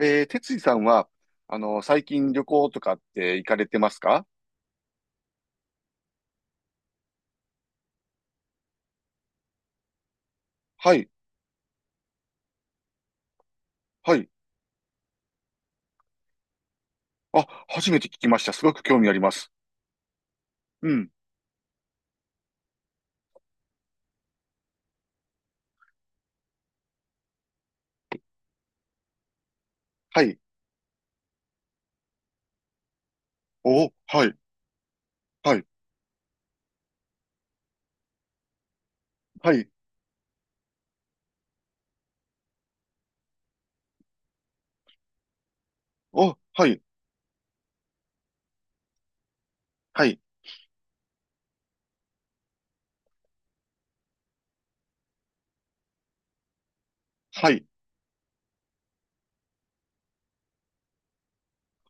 哲司さんは、最近旅行とかって行かれてますか？はい、はい。あ、初めて聞きました。すごく興味あります。うん、はい。お、はい、はい、はい。お、はい、はい、はい、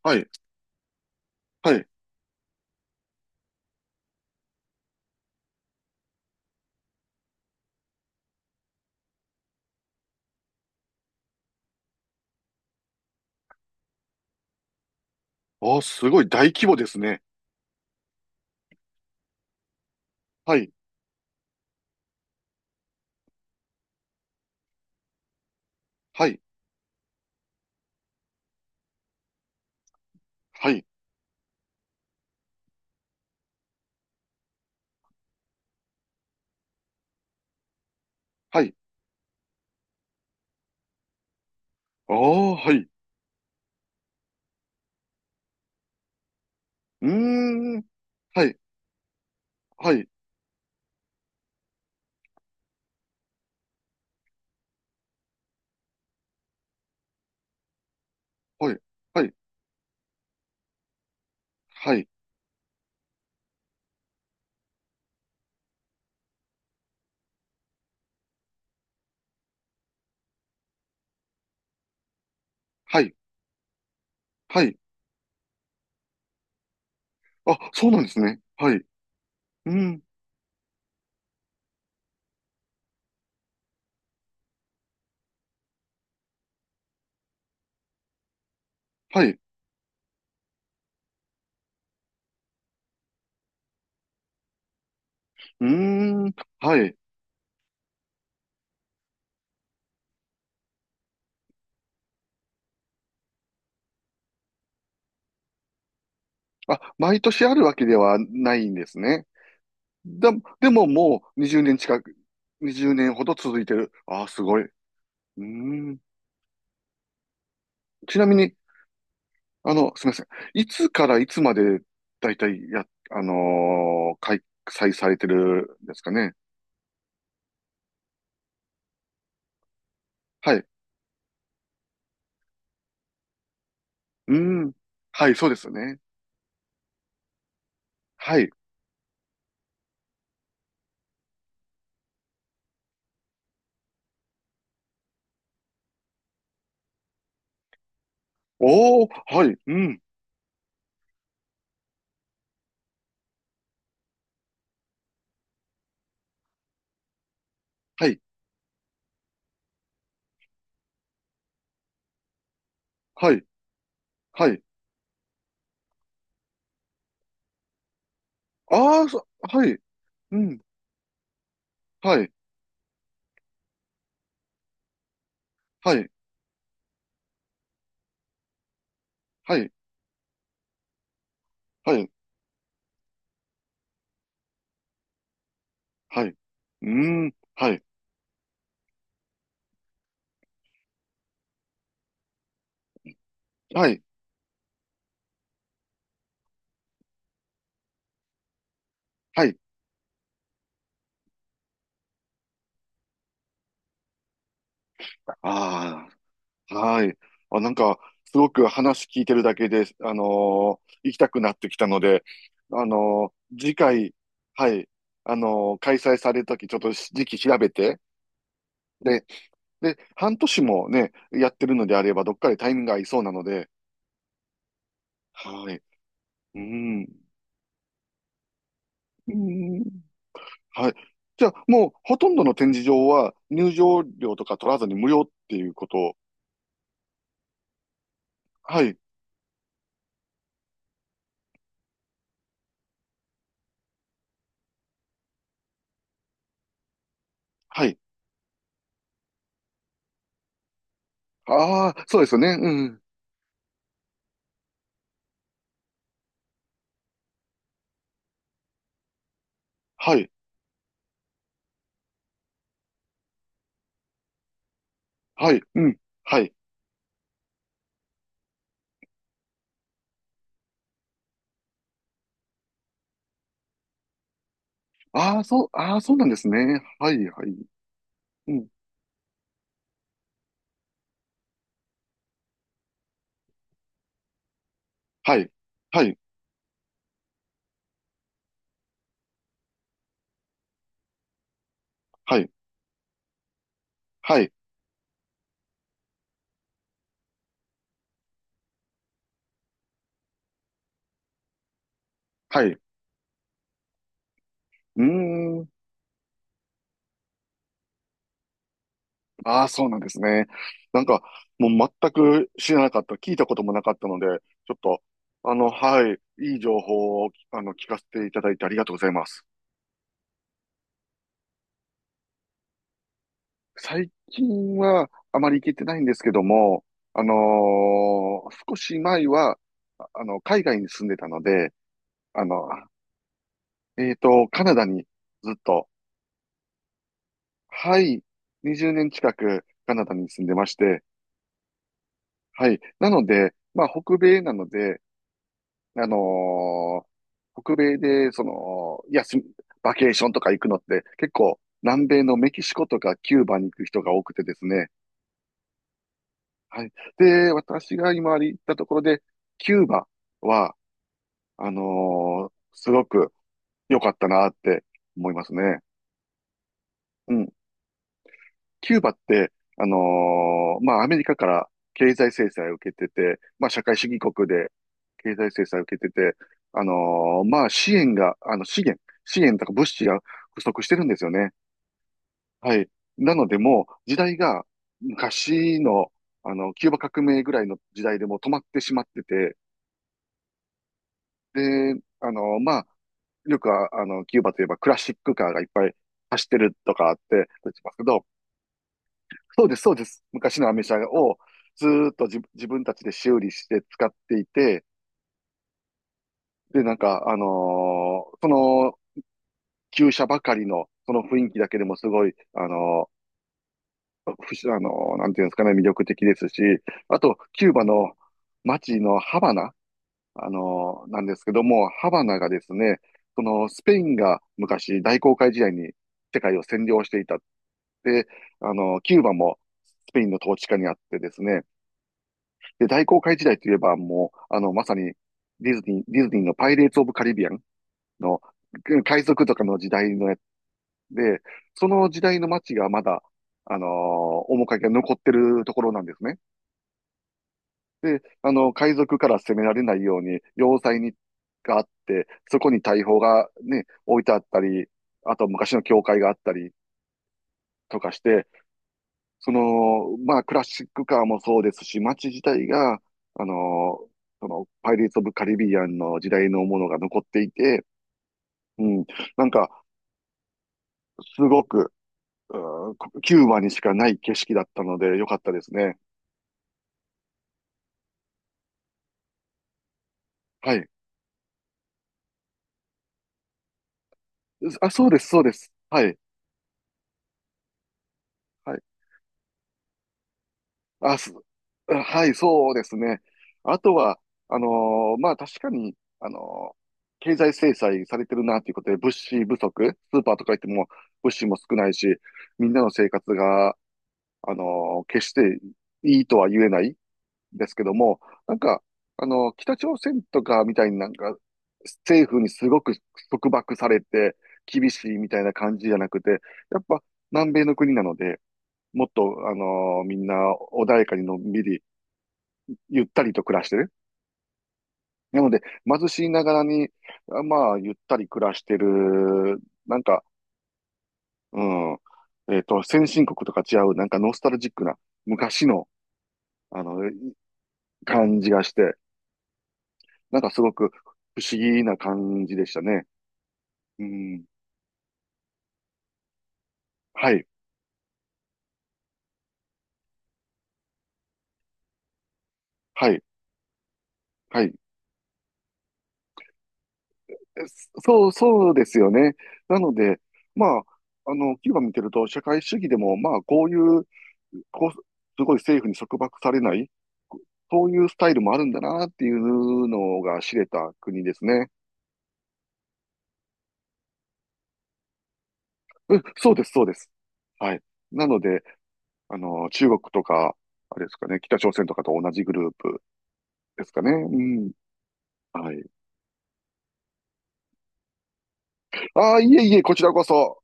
はい、はい。お、すごい大規模ですね。はい、はい、はい、はい。お、はい。うーん、はい、はい、はい、はい、はい、はい、はい。あ、そうなんですね。はい。うん、はい。うーん、はい。あ、毎年あるわけではないんですね。だ、でももう20年近く、20年ほど続いてる。ああ、すごい。うーん。ちなみに、すみません。いつからいつまで、だいたいや、開催されてるんですかね？はい。うーん。はい、そうですよね。はい。おー、はい、うん。はい、はい、はい。ああ、はい、うん。はい、はい、はい、はい、はい。うーん。はい、はい、はい。ああ、はい。あ、なんか、すごく話聞いてるだけで、行きたくなってきたので、次回、はい、開催されるとき、ちょっと時期調べて、で、で、半年もね、やってるのであれば、どっかでタイミングが合いそうなので、はい。うん。うん。はい。じゃあ、もう、ほとんどの展示場は、入場料とか取らずに無料っていうことを。はい、はい。ああ、そうですよね。うん。はい、はい、うん。はい。ああ、そう、ああ、そうなんですね。はい、はい。うん。はい、はい、はい、はい、はい。うーん。ああ、そうなんですね。なんか、もう全く知らなかった、聞いたこともなかったので、ちょっと、はい、いい情報を、聞かせていただいてありがとうございます。最近はあまり行けてないんですけども、少し前は、海外に住んでたので、あの、カナダにずっと。はい。20年近くカナダに住んでまして、はい。なので、まあ、北米なので、あのー北米で、その、バケーションとか行くのって、結構、南米のメキシコとかキューバに行く人が多くてですね。はい。で、私が今行ったところで、キューバは、あのーすごく良かったなって思いますね。うん。キューバって、まあ、アメリカから経済制裁を受けてて、まあ、社会主義国で経済制裁を受けてて、まあ、支援が、資源とか物資が不足してるんですよね。はい。なので、もう、時代が昔の、キューバ革命ぐらいの時代でもう止まってしまってて、で、まあ、よくは、キューバといえばクラシックカーがいっぱい走ってるとかあって、出てますけど、そうです、そうです。昔のアメ車をずーっと自分たちで修理して使っていて、で、なんか、その、旧車ばかりの、その雰囲気だけでもすごい、あのー不思あのーなんていうんですかね、魅力的ですし、あと、キューバの街のハバナ、なんですけども、ハバナがですね、その、スペインが昔、大航海時代に世界を占領していたって、キューバもスペインの統治下にあってですね、で、大航海時代といえば、もう、まさに、ディズニーのパイレーツ・オブ・カリビアンの、海賊とかの時代のやつで、その時代の街がまだ、面影が残ってるところなんですね。で、海賊から攻められないように、要塞があって、そこに大砲がね、置いてあったり、あと昔の教会があったりとかして、その、まあ、クラシックカーもそうですし、街自体が、あの、その、パイレーツ・オブ・カリビアンの時代のものが残っていて、うん、なんか、すごく、うん、キューバにしかない景色だったので、良かったですね。はい。あ、そうです、そうです。はい。はい、あ、はい、そうですね。あとは、あのまあ確かに、あのー経済制裁されてるなということで、物資不足、スーパーとか行っても物資も少ないし、みんなの生活が、決していいとは言えないですけども、なんか、北朝鮮とかみたいになんか、政府にすごく束縛されて厳しいみたいな感じじゃなくて、やっぱ南米の国なので、もっと、みんな穏やかにのんびり、ゆったりと暮らしてる。なので、貧しいながらに、まあ、ゆったり暮らしてる、なんか、うん、先進国とか違う、なんかノスタルジックな、昔の、あの、感じがして、なんかすごく不思議な感じでしたね。うん。はい、はい、はい。そう、そうですよね。なので、まあ、キューバ見てると、社会主義でも、まあ、こういうこう、すごい政府に束縛されない、そういうスタイルもあるんだなっていうのが知れた国ですね。うん、そうです、そうです。はい。なので、中国とか、あれですかね、北朝鮮とかと同じグループですかね？うん。はい。ああ、いえいえ、こちらこそ。